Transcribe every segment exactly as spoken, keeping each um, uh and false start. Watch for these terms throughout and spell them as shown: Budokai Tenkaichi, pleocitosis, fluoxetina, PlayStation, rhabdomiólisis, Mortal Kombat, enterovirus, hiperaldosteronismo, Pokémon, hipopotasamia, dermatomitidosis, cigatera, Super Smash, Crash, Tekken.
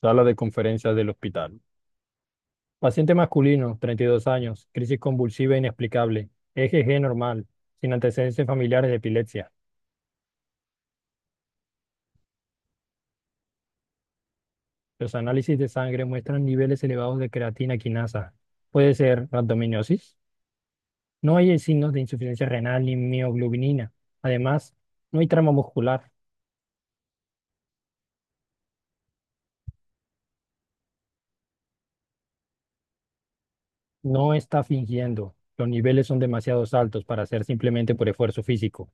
Sala de conferencias del hospital. Paciente masculino, treinta y dos años, crisis convulsiva inexplicable, E G G normal, sin antecedentes familiares de epilepsia. Los análisis de sangre muestran niveles elevados de creatina quinasa. Puede ser rhabdomiólisis. No hay signos de insuficiencia renal ni mioglobinina. Además, no hay trama muscular. No está fingiendo. Los niveles son demasiado altos para ser simplemente por esfuerzo físico.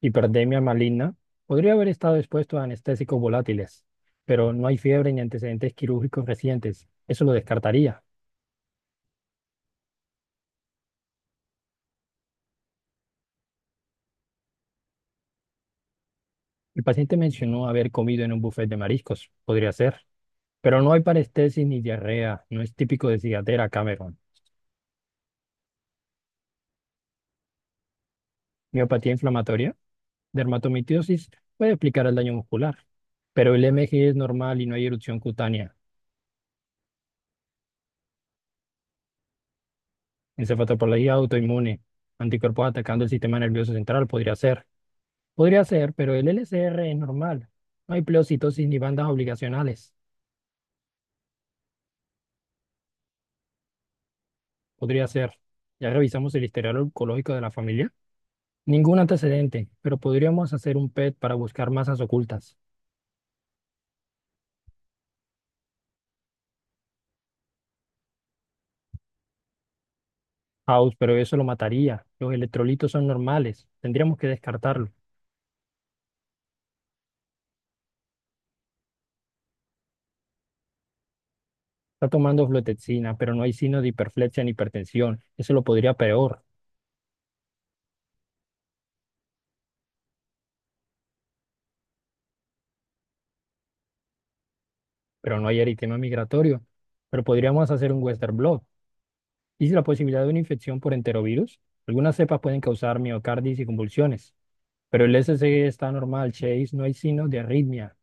Hipertermia maligna podría haber estado expuesto a anestésicos volátiles, pero no hay fiebre ni antecedentes quirúrgicos recientes. Eso lo descartaría. El paciente mencionó haber comido en un buffet de mariscos. Podría ser. Pero no hay parestesis ni diarrea. No es típico de cigatera, Cameron. Miopatía inflamatoria, dermatomitidosis puede explicar el daño muscular. Pero el M G es normal y no hay erupción cutánea. Encefalopatía autoinmune, anticuerpos atacando el sistema nervioso central podría ser. Podría ser, pero el L C R es normal. No hay pleocitosis ni bandas obligacionales. Podría ser. Ya revisamos el historial oncológico de la familia. Ningún antecedente, pero podríamos hacer un PET para buscar masas ocultas. House, pero eso lo mataría. Los electrolitos son normales. Tendríamos que descartarlo. Está tomando fluoxetina, pero no hay signo de hiperflexia ni hipertensión. Eso lo podría peor, pero no hay eritema migratorio. Pero podríamos hacer un Western blot y la posibilidad de una infección por enterovirus. Algunas cepas pueden causar miocarditis y convulsiones, pero el S C G está normal, Chase, no hay signos de arritmia.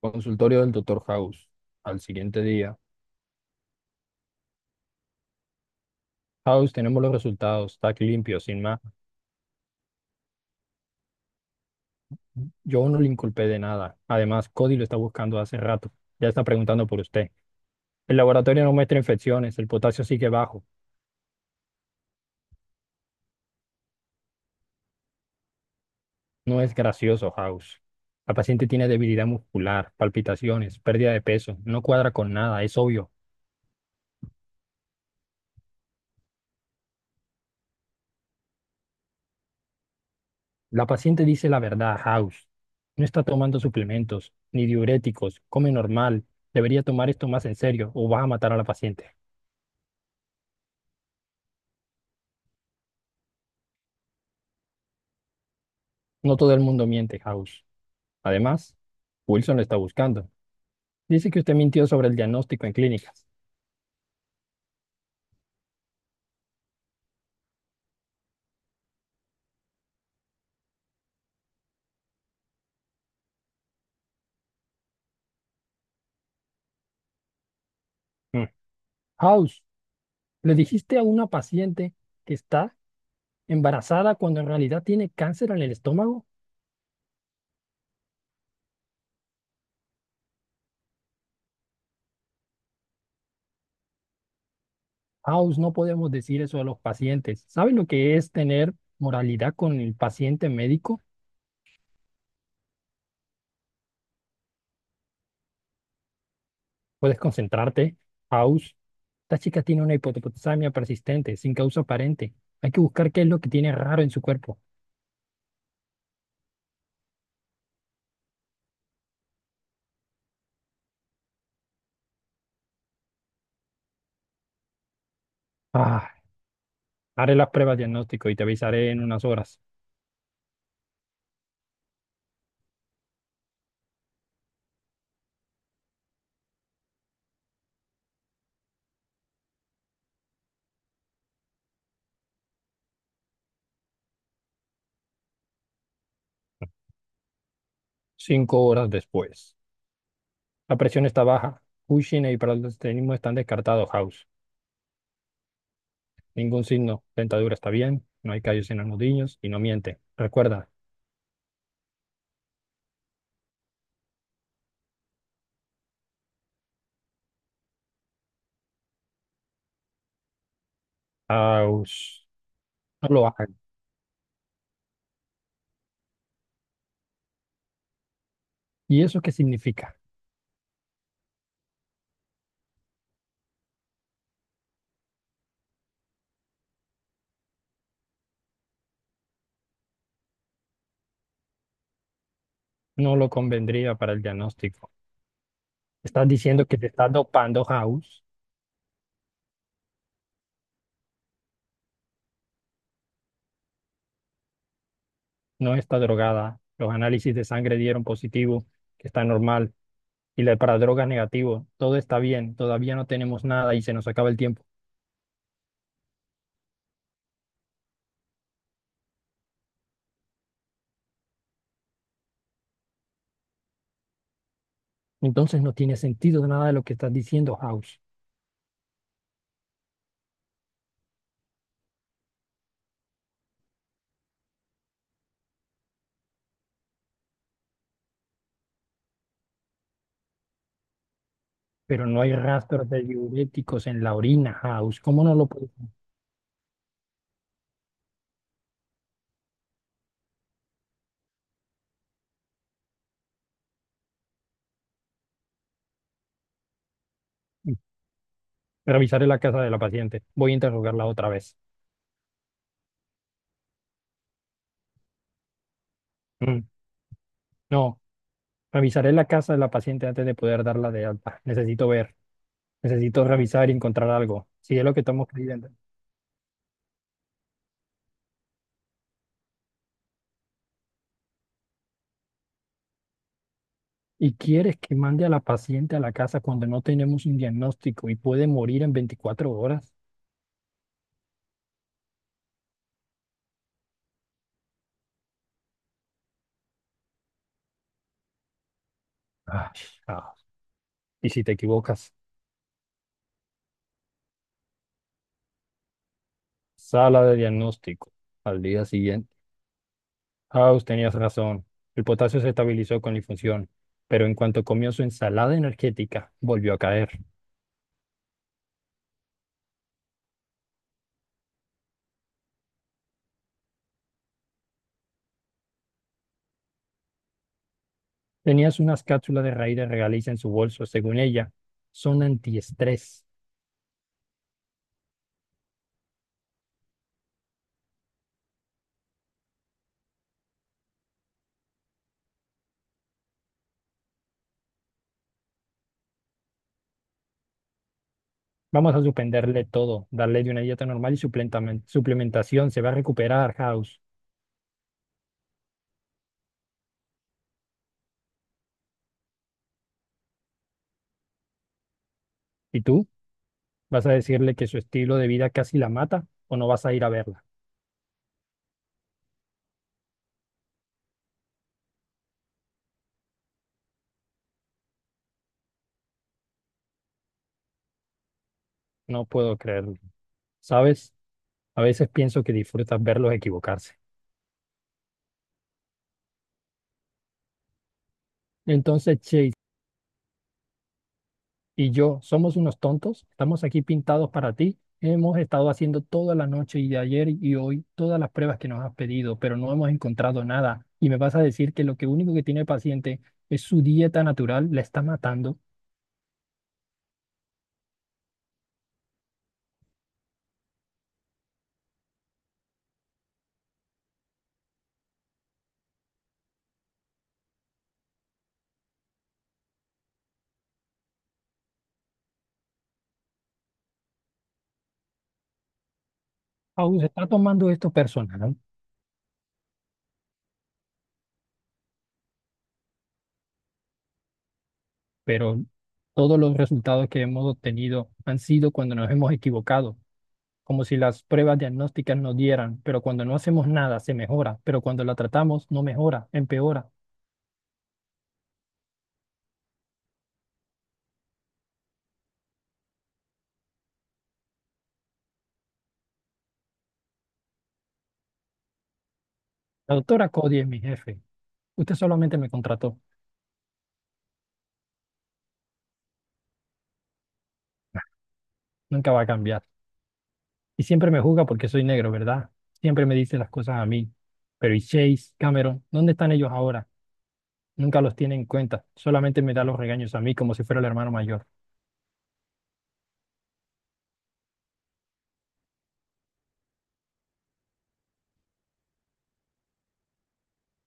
Consultorio del doctor House. Al siguiente día. House, tenemos los resultados, está limpio, sin más. Yo no le inculpé de nada. Además, Cody lo está buscando hace rato. Ya está preguntando por usted. El laboratorio no muestra infecciones, el potasio sigue bajo. No es gracioso, House. La paciente tiene debilidad muscular, palpitaciones, pérdida de peso, no cuadra con nada, es obvio. La paciente dice la verdad a House. No está tomando suplementos, ni diuréticos, come normal. Debería tomar esto más en serio o vas a matar a la paciente. No todo el mundo miente, House. Además, Wilson lo está buscando. Dice que usted mintió sobre el diagnóstico en clínicas. Mm. House, le dijiste a una paciente que está embarazada cuando en realidad tiene cáncer en el estómago. House, no podemos decir eso a los pacientes. ¿Sabe lo que es tener moralidad con el paciente médico? Puedes concentrarte, House. Esta chica tiene una hipopotasamia persistente, sin causa aparente. Hay que buscar qué es lo que tiene raro en su cuerpo. Ah, Haré las pruebas diagnóstico y te avisaré en unas horas. Cinco horas después. La presión está baja. Cushing e hiperaldosteronismo están descartados, House. Ningún signo. Dentadura está bien. No hay callos en los nudillos y no miente. Recuerda, House, no lo hagan. ¿Y eso qué significa? No lo convendría para el diagnóstico. ¿Estás diciendo que te estás dopando, House? No está drogada. Los análisis de sangre dieron positivo, que está normal. Y la para drogas negativo. Todo está bien. Todavía no tenemos nada y se nos acaba el tiempo. Entonces no tiene sentido nada de lo que estás diciendo, House. Pero no hay rastros de diuréticos en la orina, House. ¿Cómo no lo puedes? Mm. Revisaré la casa de la paciente. Voy a interrogarla otra vez. Mm. No, revisaré la casa de la paciente antes de poder darla de alta. Necesito ver. Necesito revisar y encontrar algo, si es lo que estamos creyendo. Y quieres que mande a la paciente a la casa cuando no tenemos un diagnóstico y puede morir en veinticuatro horas. Ay, ah, y si te equivocas, sala de diagnóstico al día siguiente. House, tenías razón. El potasio se estabilizó con la infusión, pero en cuanto comió su ensalada energética, volvió a caer. Tenías unas cápsulas de raíz de regaliz en su bolso, según ella, son antiestrés. Vamos a suspenderle todo, darle de una dieta normal y suplementamen- suplementación. Se va a recuperar, House. ¿Y tú? ¿Vas a decirle que su estilo de vida casi la mata o no vas a ir a verla? No puedo creerlo. ¿Sabes? A veces pienso que disfrutas verlos equivocarse. Entonces, Chase y yo somos unos tontos. Estamos aquí pintados para ti. Hemos estado haciendo toda la noche y de ayer y hoy todas las pruebas que nos has pedido, pero no hemos encontrado nada. Y me vas a decir que lo que único que tiene el paciente es su dieta natural, la está matando. Aún se está tomando esto personal. Pero todos los resultados que hemos obtenido han sido cuando nos hemos equivocado, como si las pruebas diagnósticas nos dieran, pero cuando no hacemos nada se mejora, pero cuando la tratamos no mejora, empeora. La doctora Cody es mi jefe. Usted solamente me contrató, nunca va a cambiar. Y siempre me juzga porque soy negro, ¿verdad? Siempre me dice las cosas a mí. Pero ¿y Chase, Cameron? ¿Dónde están ellos ahora? Nunca los tiene en cuenta, solamente me da los regaños a mí como si fuera el hermano mayor.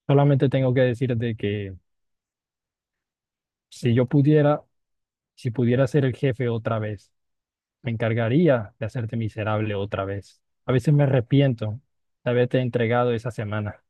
Solamente tengo que decirte que si yo pudiera, si pudiera ser el jefe otra vez, me encargaría de hacerte miserable otra vez. A veces me arrepiento de haberte entregado esa semana.